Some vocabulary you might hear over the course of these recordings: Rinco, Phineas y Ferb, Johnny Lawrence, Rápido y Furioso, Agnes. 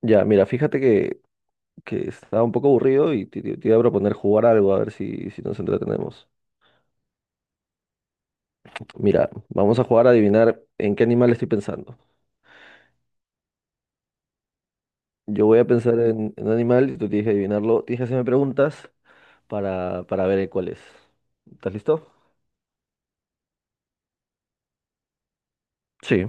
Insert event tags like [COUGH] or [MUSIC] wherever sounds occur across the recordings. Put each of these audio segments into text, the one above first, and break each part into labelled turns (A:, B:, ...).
A: Ya, mira, fíjate que estaba un poco aburrido y te iba a proponer jugar algo, a ver si nos entretenemos. Mira, vamos a jugar a adivinar en qué animal estoy pensando. Yo voy a pensar en un animal y tú tienes que adivinarlo. Tienes que hacerme preguntas para ver cuál es. ¿Estás listo? Sí.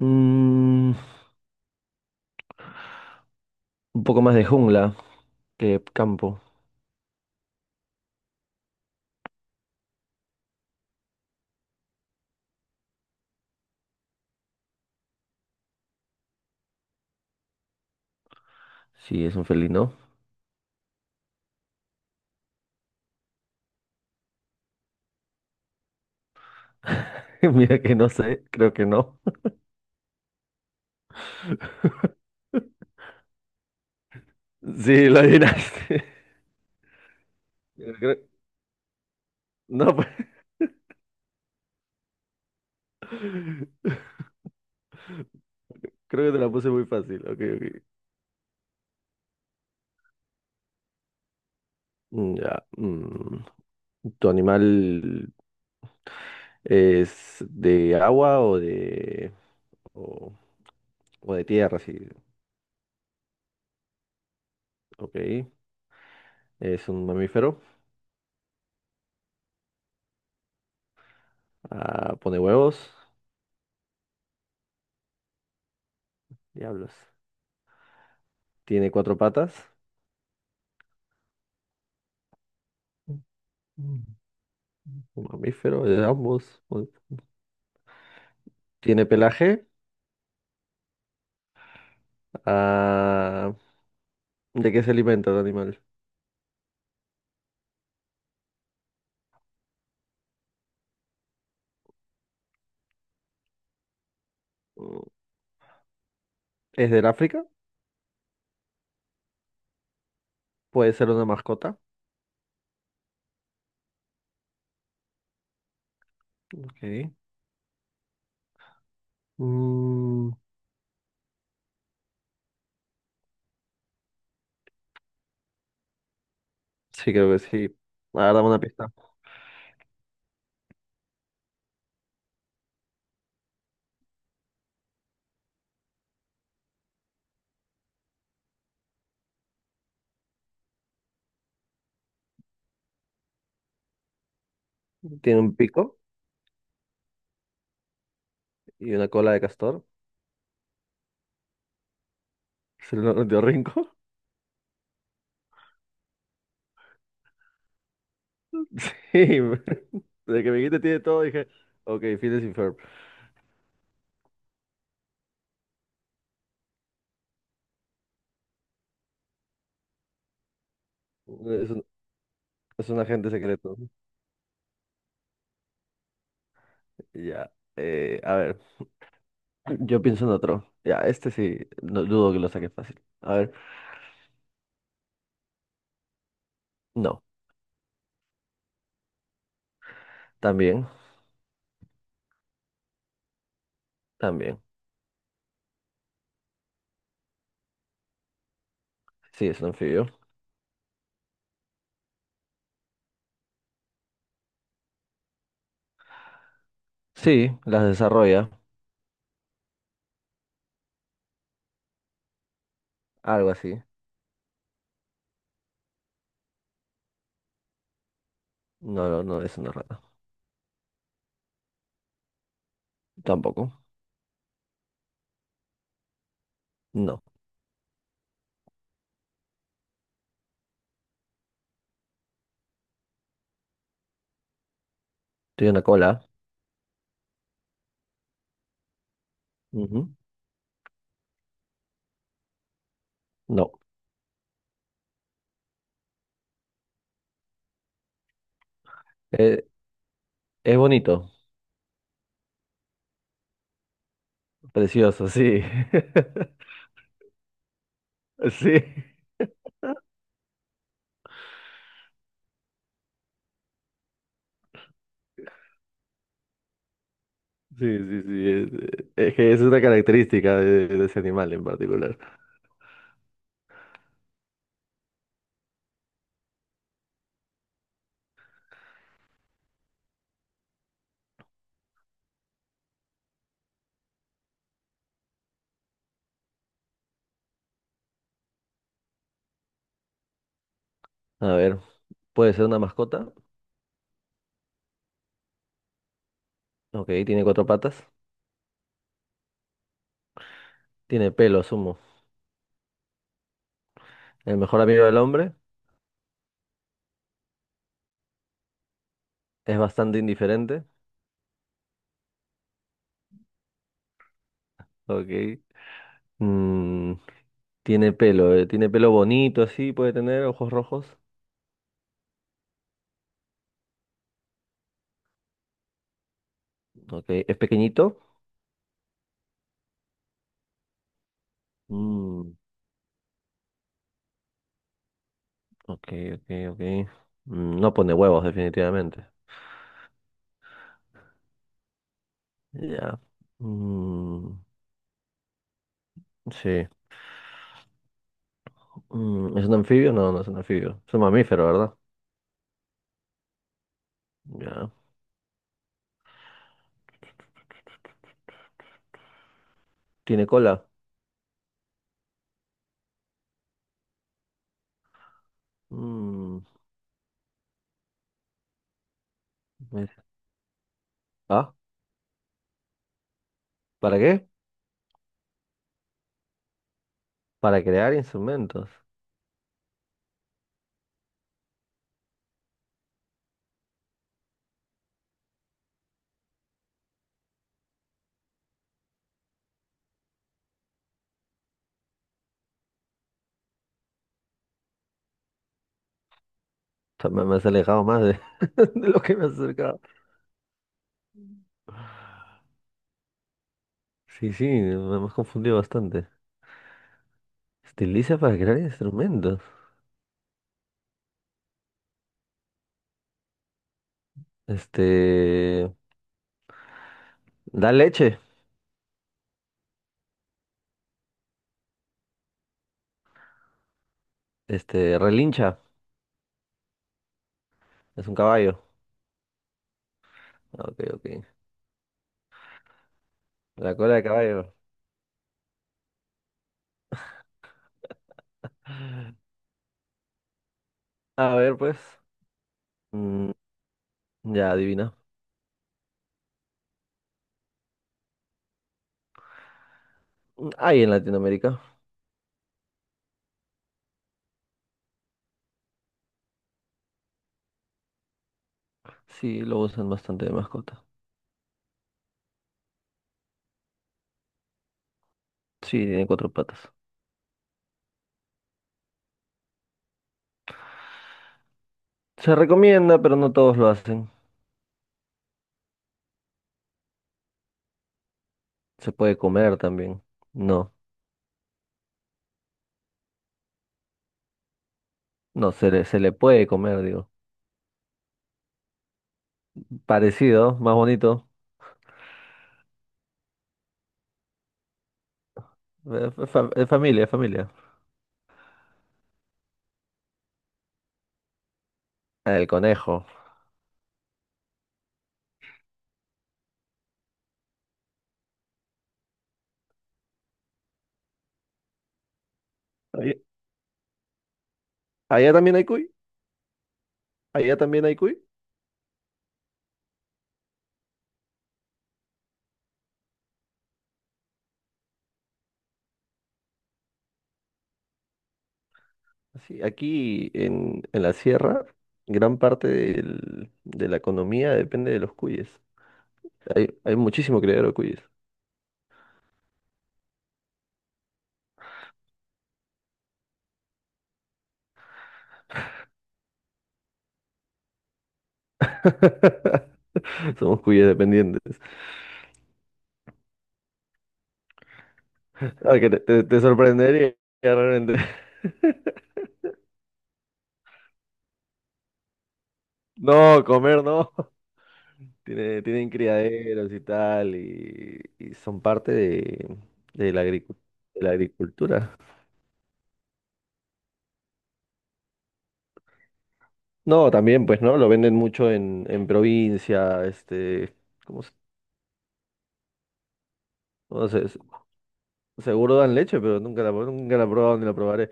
A: Mm, un poco más de jungla que campo. Sí, es un felino. [LAUGHS] Mira que no sé, creo que no. [LAUGHS] Sí, lo adivinaste. [LAUGHS] Creo- No, pues, [LAUGHS] creo que te la puse muy fácil. Ok, ok. Ya. Mm. ¿Tu animal es de agua o de o, o de tierra? Sí. Ok. Es un mamífero. Ah, pone huevos. Diablos. Tiene cuatro patas. Mm. Un mamífero de ambos. Tiene pelaje. Ah, ¿de qué se alimenta el animal? Mm, ¿Es del África? Puede ser una mascota. Ok. Mm, sí, creo que sí. Ahora dame una pista. ¿Tiene un pico? Y una cola de castor. [LAUGHS] Se lo dio Rinco. [LAUGHS] Sí, de que me guita tiene todo, dije, ok, Phineas y Ferb. Es un, es un agente secreto. Ya, a ver, yo pienso en otro. Ya, este sí, no dudo que lo saque fácil. A ver, no, también, también. Sí, es un anfibio. Sí, las desarrolla, algo así. No, no, no, es una rata. Tampoco. No, tiene una cola. Ujú. No. Eh, es bonito, precioso, sí. [LAUGHS] Sí. Sí, sí, sí. Es que es una característica de ese animal en particular. A ver, puede ser una mascota. Ok, tiene cuatro patas. Tiene pelo, asumo. El mejor amigo del hombre. Es bastante indiferente. Ok. Mm, tiene pelo. Tiene pelo bonito, así. Puede tener ojos rojos. Ok. Es pequeñito. Mm, ok, ok, ok. No pone huevos, definitivamente. Ya. Mm, sí. ¿Es un anfibio? No, no es un anfibio. Es un mamífero, ¿verdad? Ya. ¿Tiene cola? Mm, me- Ah, ¿para qué? Para crear instrumentos. O sea, me has alejado más de, [LAUGHS] de lo que me has acercado. Sí, sí, me has confundido bastante. Estiliza para crear instrumentos. Este. Da leche. Este, relincha. Es un caballo. Ah, ok, ok. La cola de caballo. A ver, pues. Mm, ya, adivina. Mm, hay en Latinoamérica. Sí, lo usan bastante de mascota. Sí, tiene cuatro patas. Se recomienda, pero no todos lo hacen. Se puede comer también. No, no, se le puede comer, digo. Parecido, más bonito. Familia. El conejo. Ahí- Allá también hay cuy. Allá también hay cuy. Sí, aquí en la sierra, gran parte de la economía depende de los cuyes. Hay muchísimo criadero de cuyes. [LAUGHS] Somos cuyes dependientes. Ah, que te sorprendería realmente. [LAUGHS] No, comer no. Tienen criaderos y tal, y son parte de de la agricultura. No, también, pues, ¿no? Lo venden mucho en provincia, este, ¿cómo se? No sé, seguro dan leche, pero nunca la he probado ni la probaré.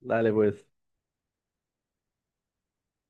A: Dale, pues.